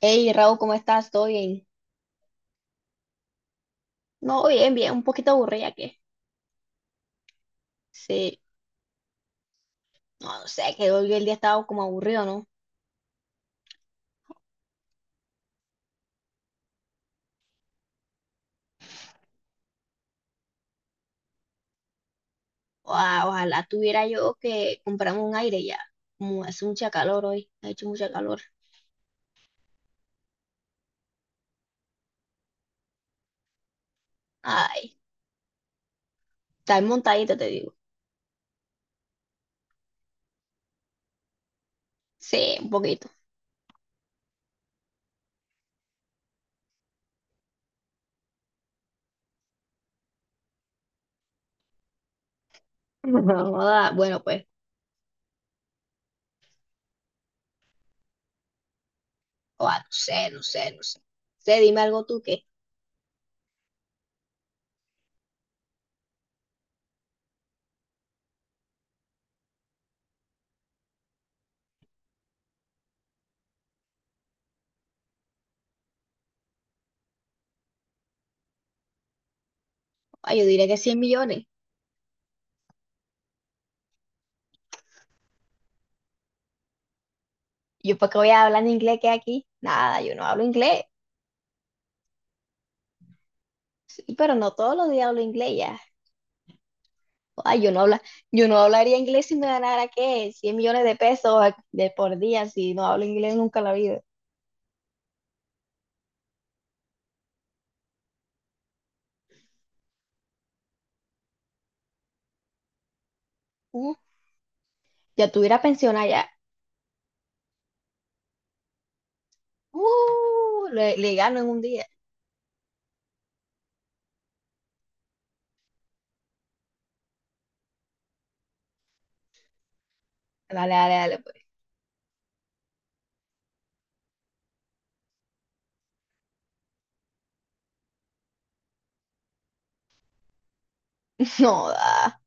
Hey, Raúl, ¿cómo estás? ¿Todo bien? No, bien, bien, un poquito aburrida qué? Sí, no, no sé, que hoy el día estaba como aburrido, ¿no? Ojalá tuviera yo que comprarme un aire ya. Como hace mucha calor hoy, ha hecho mucha calor. Ay, está montadito, te digo. Sí, un poquito. Joda, bueno, pues, oa, no sé, no sé, no sé. Sé, dime algo tú que. Oa, yo diré que 100 millones. ¿Yo para qué voy a hablar en inglés que aquí? Nada, yo no hablo inglés. Sí, pero no todos los días hablo inglés. Ay, yo no habla, yo no hablaría inglés si me ganara, ¿qué? 100 millones de pesos de por día, si no hablo inglés nunca en la vida. Uh, ya tuviera pensión allá. Le gano en un día. Dale, dale, dale, pues. No da,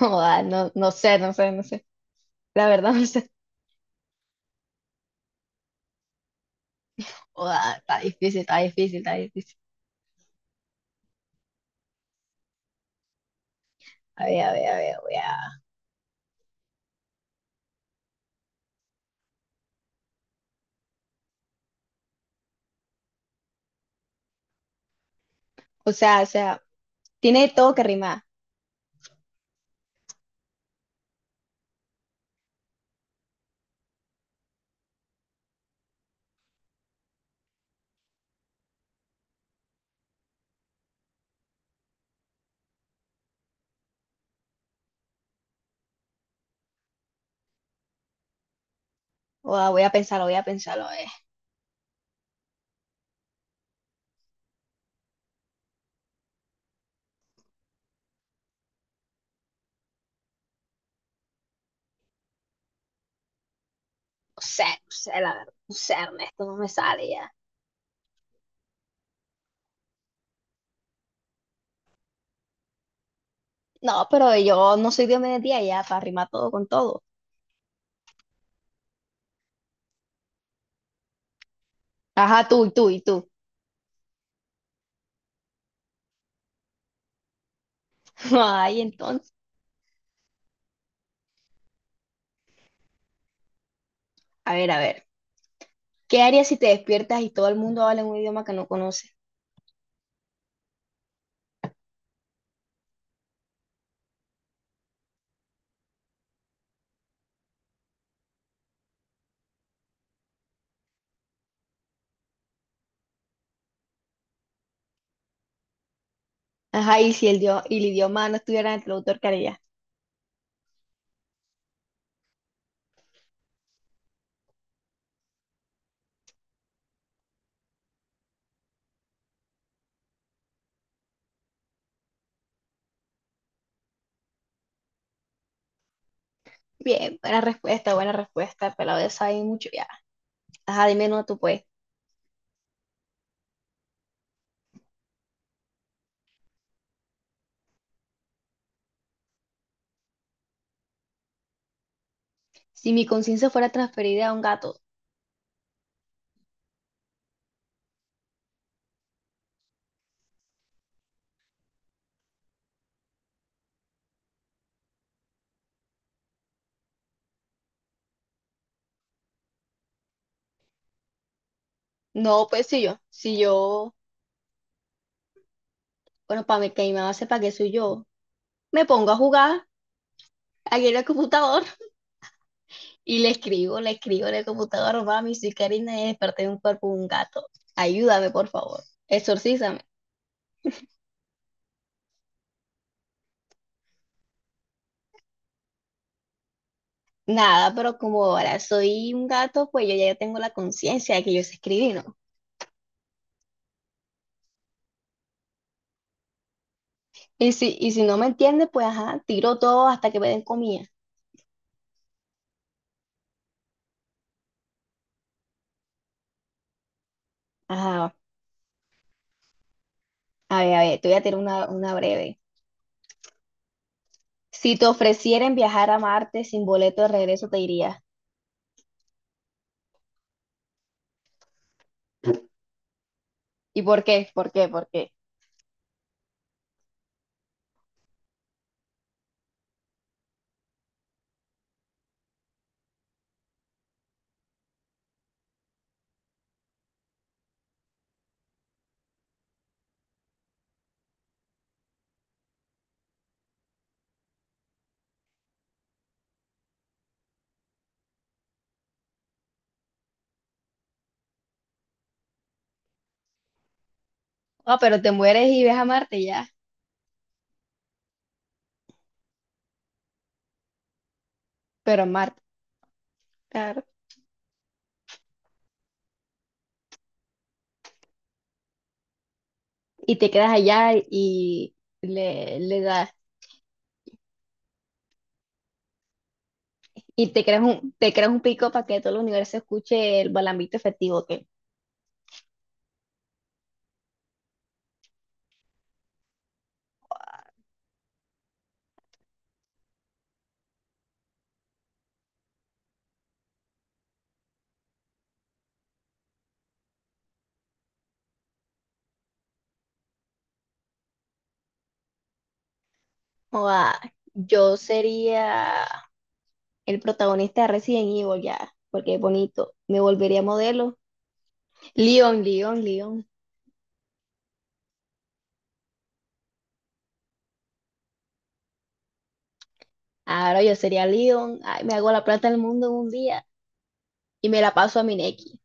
no da, no, no sé, no sé, no sé. La verdad, no sé. No da, está difícil, está difícil, está difícil. A ver, a ver, a ver, voy a- o sea, tiene todo que rimar. No da, voy a pensarlo, voy a pensarlo. No sé, no sé, la verdad. No sé, Ernesto, no me sale ya. No, pero yo no soy Dios me día ya, para rimar todo con todo. Ajá, tú y tú y tú. Ay, entonces. A ver, a ver. ¿Qué harías si te despiertas y todo el mundo habla un idioma que no conoces? Ajá, y si el, dio- y el idioma no estuviera en el traductor, ¿qué harías? Bien, buena respuesta, pero de esa hay mucho ya. Ajá, dime no tú pues. Si mi conciencia fuera transferida a un gato. No, pues si yo, bueno, para que mi mamá sepa que soy yo, me pongo a jugar aquí en el computador. Y le escribo en el computador, mami, soy Karina y desperté de un cuerpo de un gato. Ayúdame, por favor. Exorcízame. Nada, pero como ahora soy un gato, pues yo ya tengo la conciencia de que yo sé escribir, ¿no? Y si no me entiende, pues ajá, tiro todo hasta que me den comida. Ajá, a ver, te voy a tirar una breve. Si te ofrecieren viajar a Marte sin boleto de regreso, te irías. ¿Y por qué? ¿Por qué? ¿Por qué? Ah, pero te mueres y ves a Marte ya. Pero a Marte, claro. Y te quedas allá y le das, y te creas un pico para que todo el universo escuche el balambito efectivo que o joda, yo sería el protagonista de Resident Evil ya, porque es bonito, me volvería modelo, Leon, Leon, Leon, ahora yo sería Leon, ay, me hago la plata del mundo en un día y me la paso a Mineki.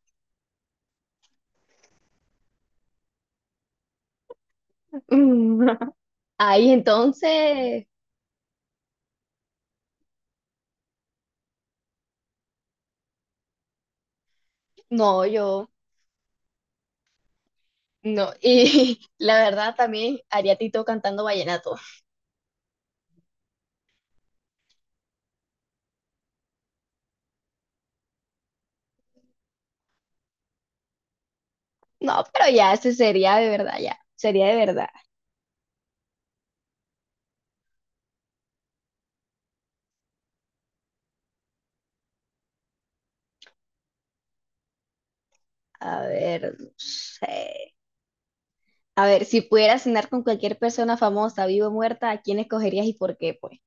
Ahí entonces, no, yo, no, y la verdad también haría Tito cantando vallenato. No, pero ya, ese sería de verdad, ya. Sería de verdad. A ver, no sé. A ver, si pudieras cenar con cualquier persona famosa, viva o muerta, ¿a quién escogerías y por qué, pues?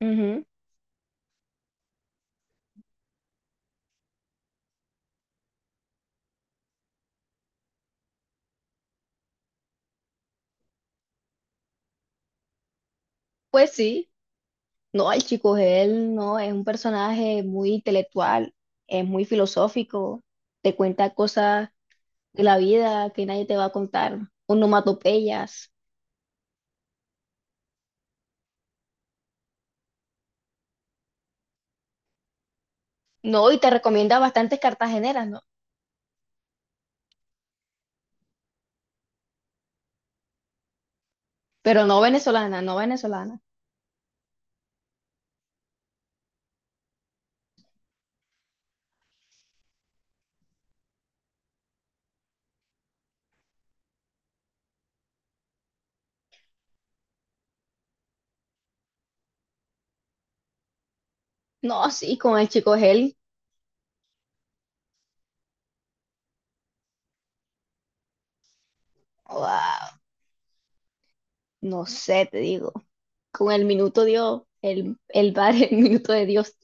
Ujú. Pues sí. No, el chico él no, es un personaje muy intelectual, es muy filosófico, te cuenta cosas de la vida que nadie te va a contar, onomatopeyas. No, y te recomienda bastantes cartageneras, ¿no? Pero no venezolanas, no venezolanas. No, sí, con el chico Gel. Wow. No sé, te digo. Con el minuto Dios, el el minuto de Dios.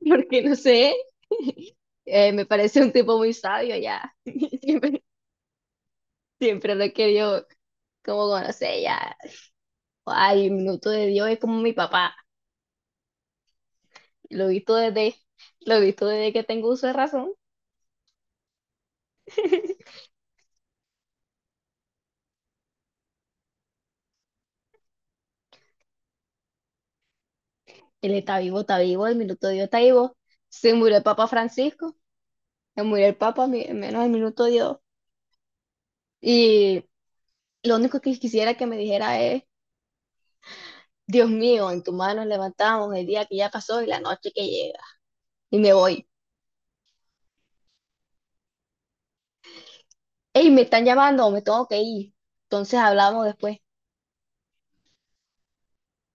Porque no sé. Me parece un tipo muy sabio ya. Siempre, siempre lo he querido como conocer ya. Ay, el minuto de Dios es como mi papá. Lo he visto desde, lo he visto desde que tengo uso de razón. Él está vivo, el minuto de Dios está vivo. Se murió el Papa Francisco, se murió el Papa, menos el minuto de Dios. Y lo único que quisiera que me dijera es Dios mío, en tus manos levantamos el día que ya pasó y la noche que llega. Y me voy. Ey, me están llamando, me tengo que ir. Entonces hablamos después.